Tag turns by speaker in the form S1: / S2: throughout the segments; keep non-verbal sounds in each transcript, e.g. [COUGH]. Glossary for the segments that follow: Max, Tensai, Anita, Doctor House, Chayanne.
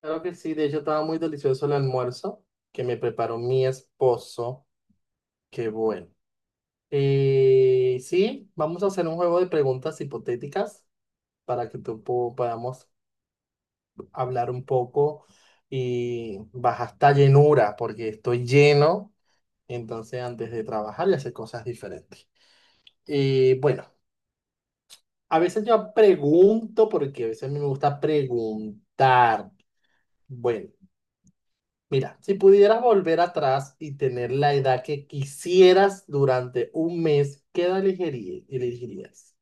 S1: Claro que sí, de hecho estaba muy delicioso el almuerzo que me preparó mi esposo. Qué bueno. Y sí, vamos a hacer un juego de preguntas hipotéticas para que podamos hablar un poco y baja esta llenura, porque estoy lleno, entonces antes de trabajar y hacer cosas diferentes. Y bueno, a veces yo pregunto porque a veces a mí me gusta preguntar. Bueno. Mira, si pudieras volver atrás y tener la edad que quisieras durante un mes, elegirías?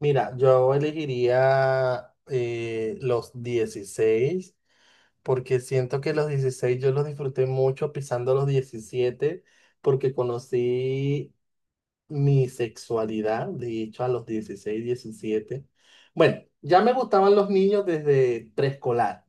S1: Mira, yo elegiría los 16, porque siento que los 16 yo los disfruté mucho pisando los 17, porque conocí mi sexualidad, de hecho, a los 16, 17. Bueno, ya me gustaban los niños desde preescolar,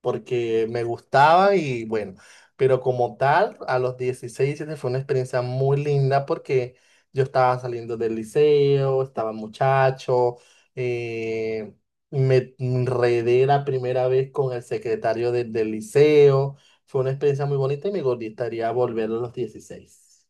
S1: porque me gustaba y bueno, pero como tal, a los dieciséis, 17 fue una experiencia muy linda porque yo estaba saliendo del liceo, estaba muchacho, eh, me enredé la primera vez con el del liceo, fue una experiencia muy bonita y me gustaría volver a los dieciséis.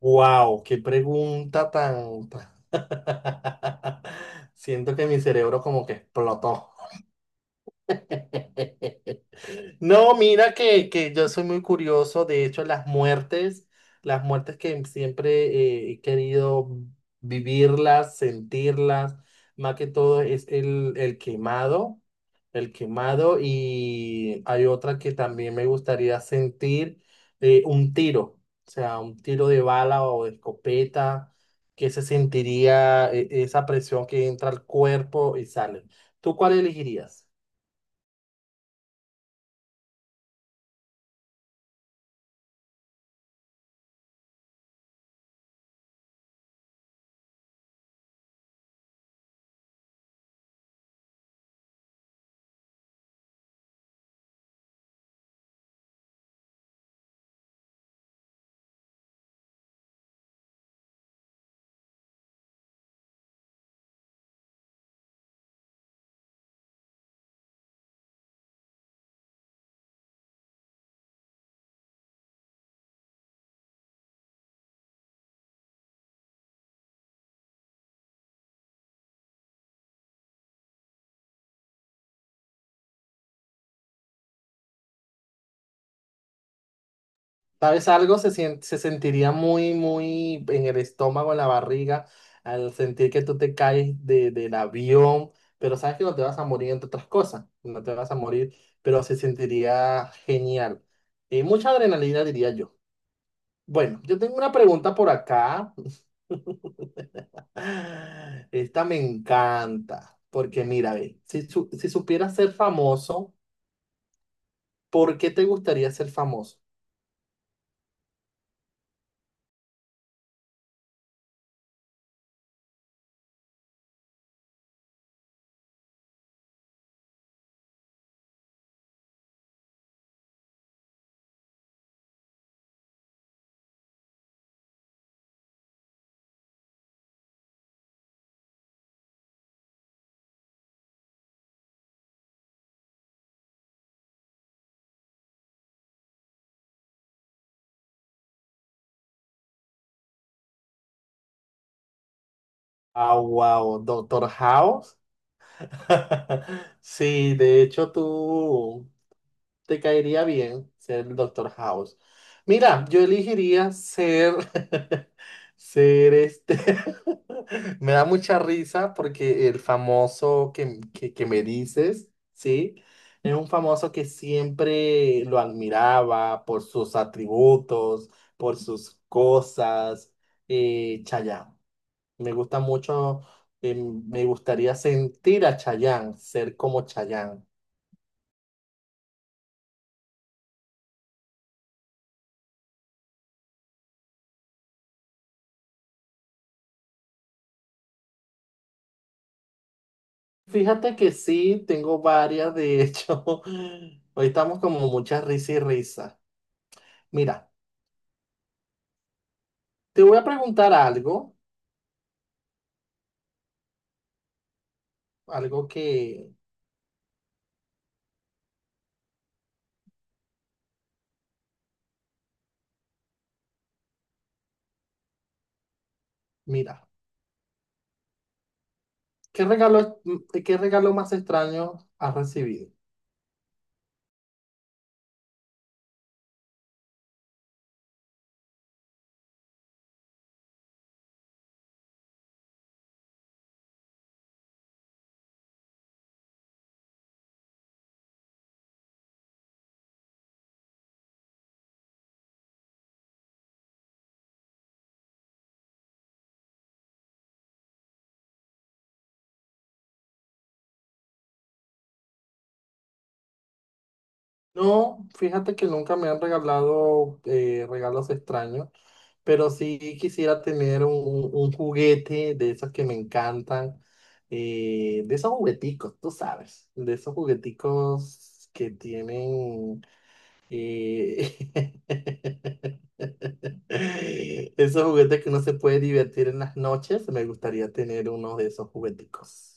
S1: ¡Wow! ¡Qué pregunta tan... [LAUGHS] Siento que mi cerebro como que explotó! [LAUGHS] No, mira que yo soy muy curioso. De hecho, las muertes que siempre he querido vivirlas, sentirlas, más que todo es el quemado, el quemado, y hay otra que también me gustaría sentir, un tiro, o sea, un tiro de bala o de escopeta, que se sentiría esa presión que entra al cuerpo y sale. ¿Tú cuál elegirías? ¿Sabes algo? Se sentiría muy, muy en el estómago, en la barriga, al sentir que tú te caes del avión, pero sabes que no te vas a morir, entre otras cosas, no te vas a morir, pero se sentiría genial. Y mucha adrenalina, diría yo. Bueno, yo tengo una pregunta por acá. [GASPS] [LAUGHS] Esta me encanta, porque mira, ve, si supieras ser famoso, ¿por qué te gustaría ser famoso? Ah, wow, Doctor House. [LAUGHS] Sí, de hecho tú te caería bien ser el Doctor House. Mira, yo elegiría ser, [LAUGHS] ser este. [LAUGHS] Me da mucha risa porque el famoso que me dices, ¿sí? Es un famoso que siempre lo admiraba por sus atributos, por sus cosas. Chayanne. Me gusta mucho, me gustaría sentir a Chayanne, ser como Chayanne. Fíjate que sí, tengo varias, de hecho. [LAUGHS] Hoy estamos como muchas risas y risas. Mira, te voy a preguntar algo, algo que, mira, ¿qué regalo, qué regalo más extraño has recibido? No, fíjate que nunca me han regalado regalos extraños, pero sí quisiera tener un, un juguete de esos que me encantan, de esos jugueticos, tú sabes, de esos jugueticos que tienen, eh, [LAUGHS] esos juguetes que uno se puede divertir en las noches, me gustaría tener uno de esos jugueticos.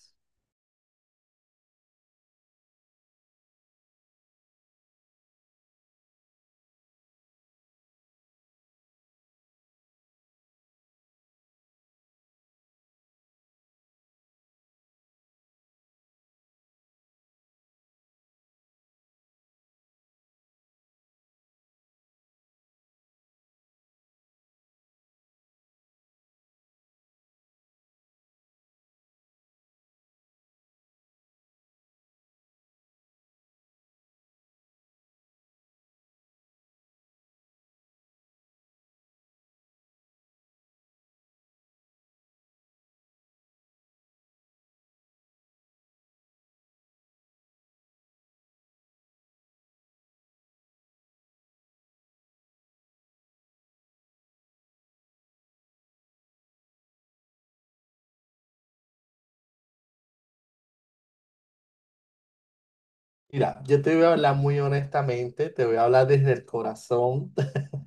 S1: Mira, yo te voy a hablar muy honestamente, te voy a hablar desde el corazón.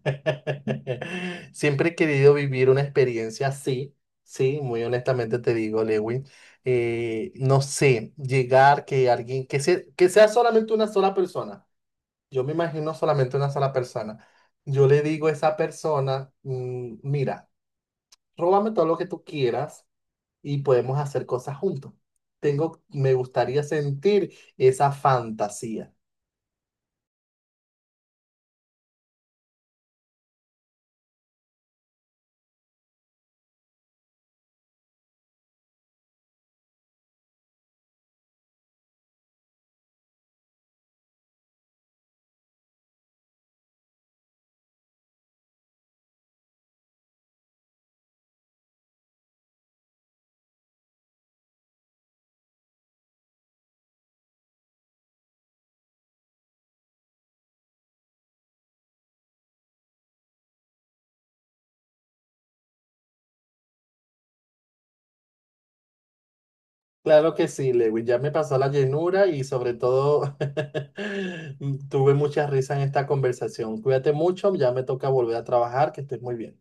S1: [LAUGHS] Siempre he querido vivir una experiencia así, sí, muy honestamente te digo, Lewin. No sé, llegar que alguien, que sea solamente una sola persona. Yo me imagino solamente una sola persona. Yo le digo a esa persona, mm, mira, róbame todo lo que tú quieras y podemos hacer cosas juntos. Tengo, me gustaría sentir esa fantasía. Claro que sí, Lewis. Ya me pasó la llenura y sobre todo [LAUGHS] tuve mucha risa en esta conversación. Cuídate mucho, ya me toca volver a trabajar, que estés muy bien.